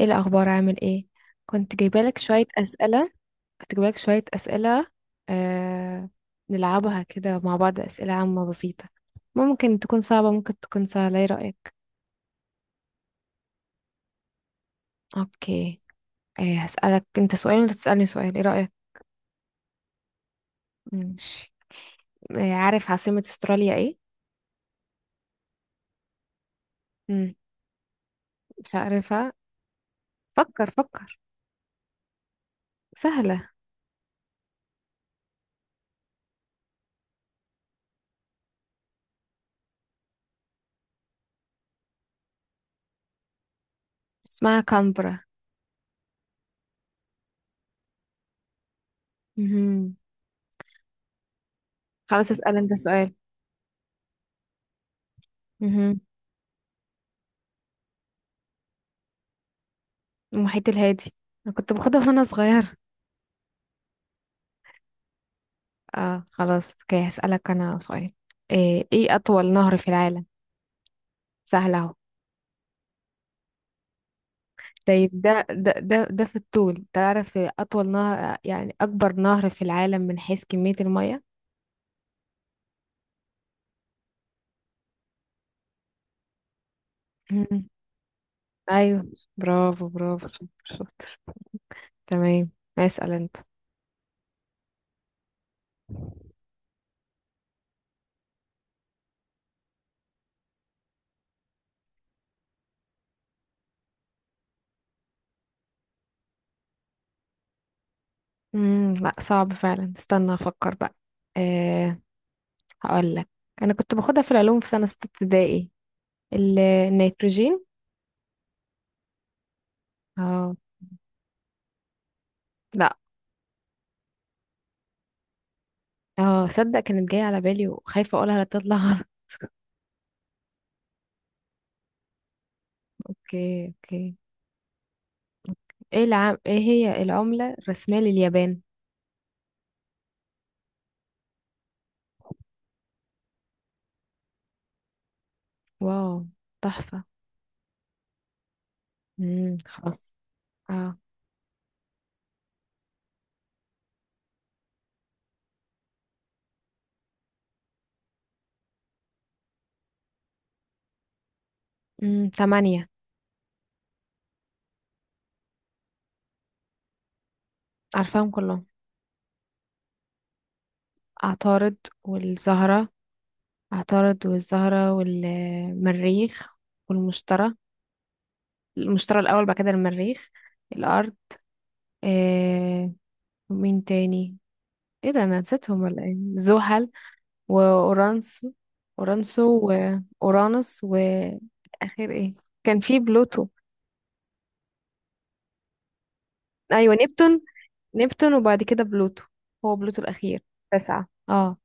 ايه الاخبار، عامل ايه؟ كنت جايبالك شويه اسئله. كنت جايبالك شويه اسئله. آه... نلعبها كده مع بعض، اسئله عامه بسيطه. ممكن تكون صعبه، ممكن تكون سهله، ايه رايك؟ اوكي. هسالك انت سؤال وانت تسالني سؤال، ايه رايك؟ ماشي. عارف عاصمه استراليا ايه؟ مم. مش عارفها. فكر فكر. سهله. اسمها كامبرا. مهم. خلاص، اسال انت سؤال. مهم. المحيط الهادي. انا كنت باخدها وانا صغيره. اه، خلاص، اوكي، هسألك انا سؤال. ايه اطول نهر في العالم؟ سهل اهو. طيب، ده في الطول، تعرف اطول نهر؟ يعني اكبر نهر في العالم من حيث كمية المية. مم. ايوه. برافو برافو، شاطر شاطر. تمام. اسأل انت. لا، صعب فعلا، استنى افكر بقى. أه. هقول لك. انا كنت باخدها في العلوم في سنة ستة ابتدائي. النيتروجين. اه. لا، اه، صدق كانت جاية على بالي وخايفة اقولها لا تطلع غلط. اوكي، اوكي. ايه هي العملة الرسمية لليابان؟ واو. تحفة. خلاص. اه. ثمانية. عارفاهم كلهم. عطارد والزهرة. عطارد والزهرة والمريخ. والمشتري. المشتري الأول، بعد كده المريخ. الأرض. آه... ومين تاني؟ ايه ده، انا نسيتهم ولا ايه، زحل. وأورانسو. أورانسو. وأورانوس، وآخر ايه؟ كان في بلوتو. ايوه، نبتون. نبتون، وبعد كده بلوتو. هو بلوتو الأخير. تسعة، اه.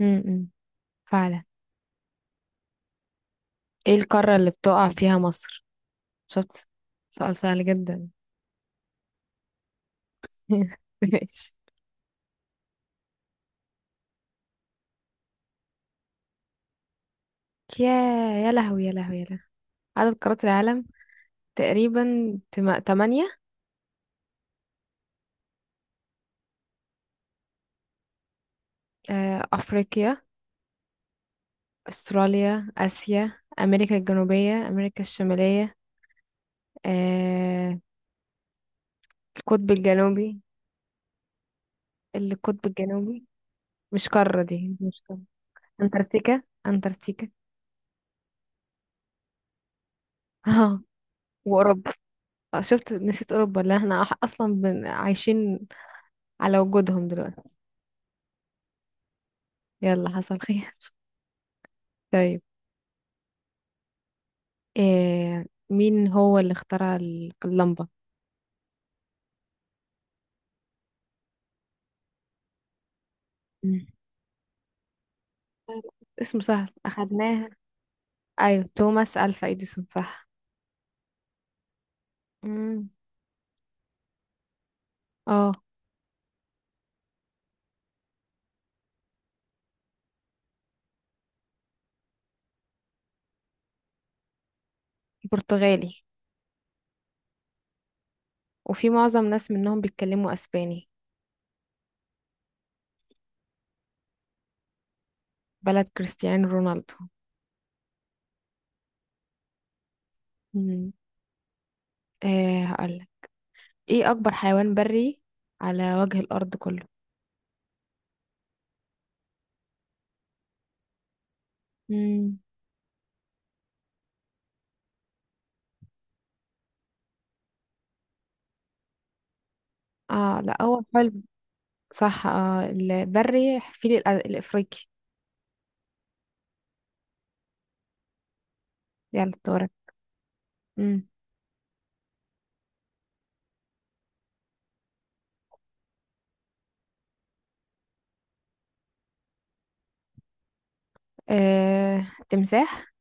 امم فعلا. ايه القارة اللي بتقع فيها مصر؟ شفت، سؤال سهل جدا. ماشي. يا يا لهوي، يا لهوي، يا لهوي. عدد قارات العالم، تقريبا. تمانية. أفريقيا. أستراليا، آسيا، أمريكا الجنوبية، أمريكا الشمالية. آه، القطب الجنوبي. القطب الجنوبي. مش قارة، دي مش قارة. أنتاركتيكا، أنتاركتيكا. اه. وأوروبا. شفت، نسيت اوروبا اللي احنا اصلا عايشين على وجودهم دلوقتي. يلا، حصل خير. طيب. مين هو اللي اخترع اللمبة؟ مم. اسمه سهل، اخدناها. ايوه، توماس الفا اديسون، صح. مم. اه. برتغالي. وفي معظم ناس منهم بيتكلموا اسباني. بلد كريستيانو رونالدو. مم. إيه هقولك. ايه اكبر حيوان بري على وجه الارض كله؟ مم. اه، لا هو حلو. صح، اه، البري فيل الافريقي. دي على الطارئ. امم تمساح.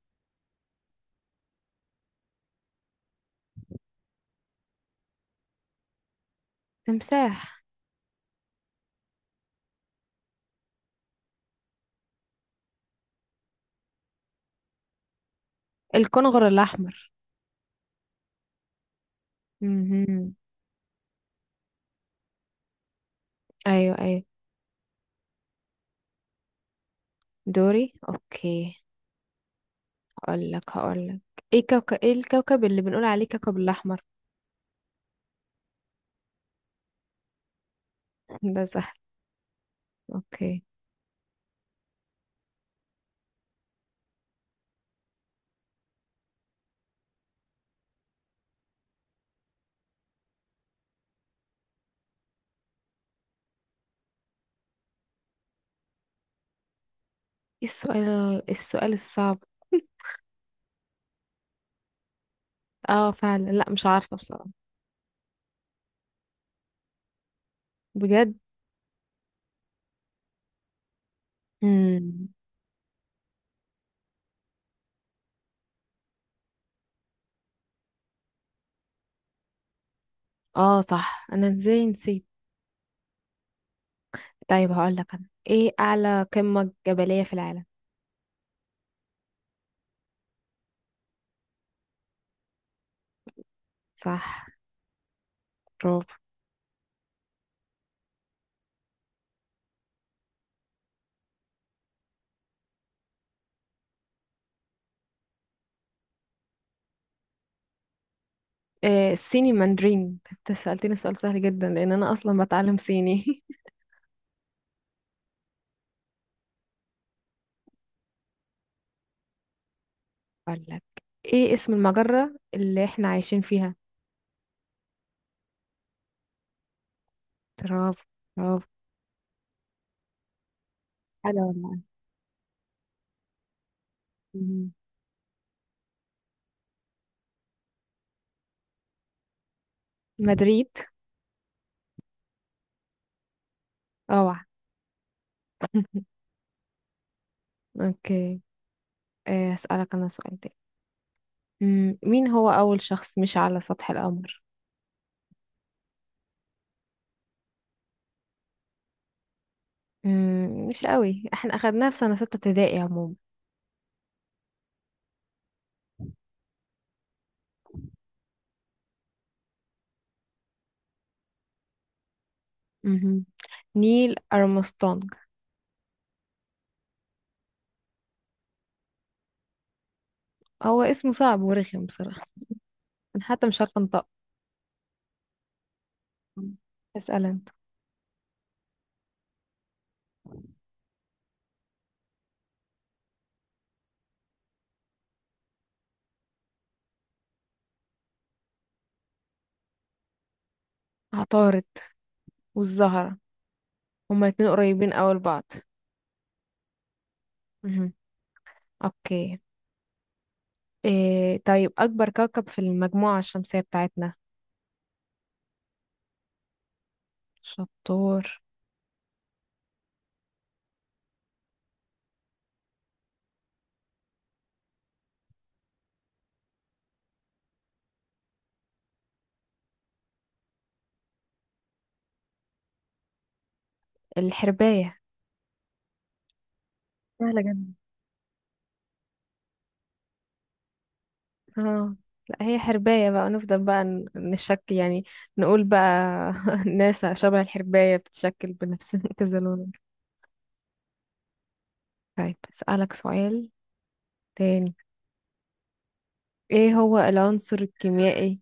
تمساح. الكنغر الاحمر. امم. ايوه، ايوه. دوري، اوكي. هقول لك. ايه كوكب، ايه الكوكب اللي بنقول عليه كوكب الاحمر؟ ده سهل. اوكي. ايه السؤال، السؤال الصعب. اه فعلا، لا مش عارفه بصراحه. بجد. امم اه، صح، انا ازاي نسيت. طيب، هقول لك انا، ايه اعلى قمه جبليه في العالم؟ صح. برافو. الصيني ماندرين، انت سألتني سؤال سهل جدا لان انا اصلا بتعلم صيني. اقول لك. ايه اسم المجرة اللي احنا عايشين فيها؟ برافو، برافو. حلو والله. مهم. مدريد. اوعى. اوكي. اسألك انا سؤال تاني. مين هو اول شخص مشى على سطح القمر؟ مش قوي، احنا اخدناها في سنة ستة ابتدائي عموما. مهم. نيل ارمسترونج. هو اسمه صعب ورخم بصراحة. انا حتى مش عارفة انطقه. اسأل انت. عطارد والزهرة. هما الاتنين قريبين أوي لبعض. مهم. اوكي. إيه، طيب، أكبر كوكب في المجموعة الشمسية بتاعتنا؟ شطور. الحرباية. سهلة جدا. اه، لا هي حرباية بقى، نفضل بقى نشك يعني. نقول بقى. ناسا شبه الحرباية، بتتشكل بنفس كذا لون. طيب أسألك سؤال تاني. ايه هو العنصر الكيميائي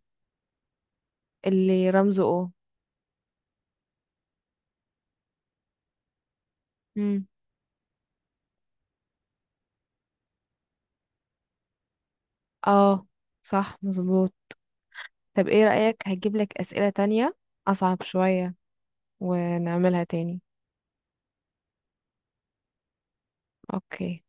اللي رمزه O؟ مم. اه، صح، مظبوط. طب ايه رأيك، هجيب لك أسئلة تانية أصعب شوية ونعملها تاني. اوكي.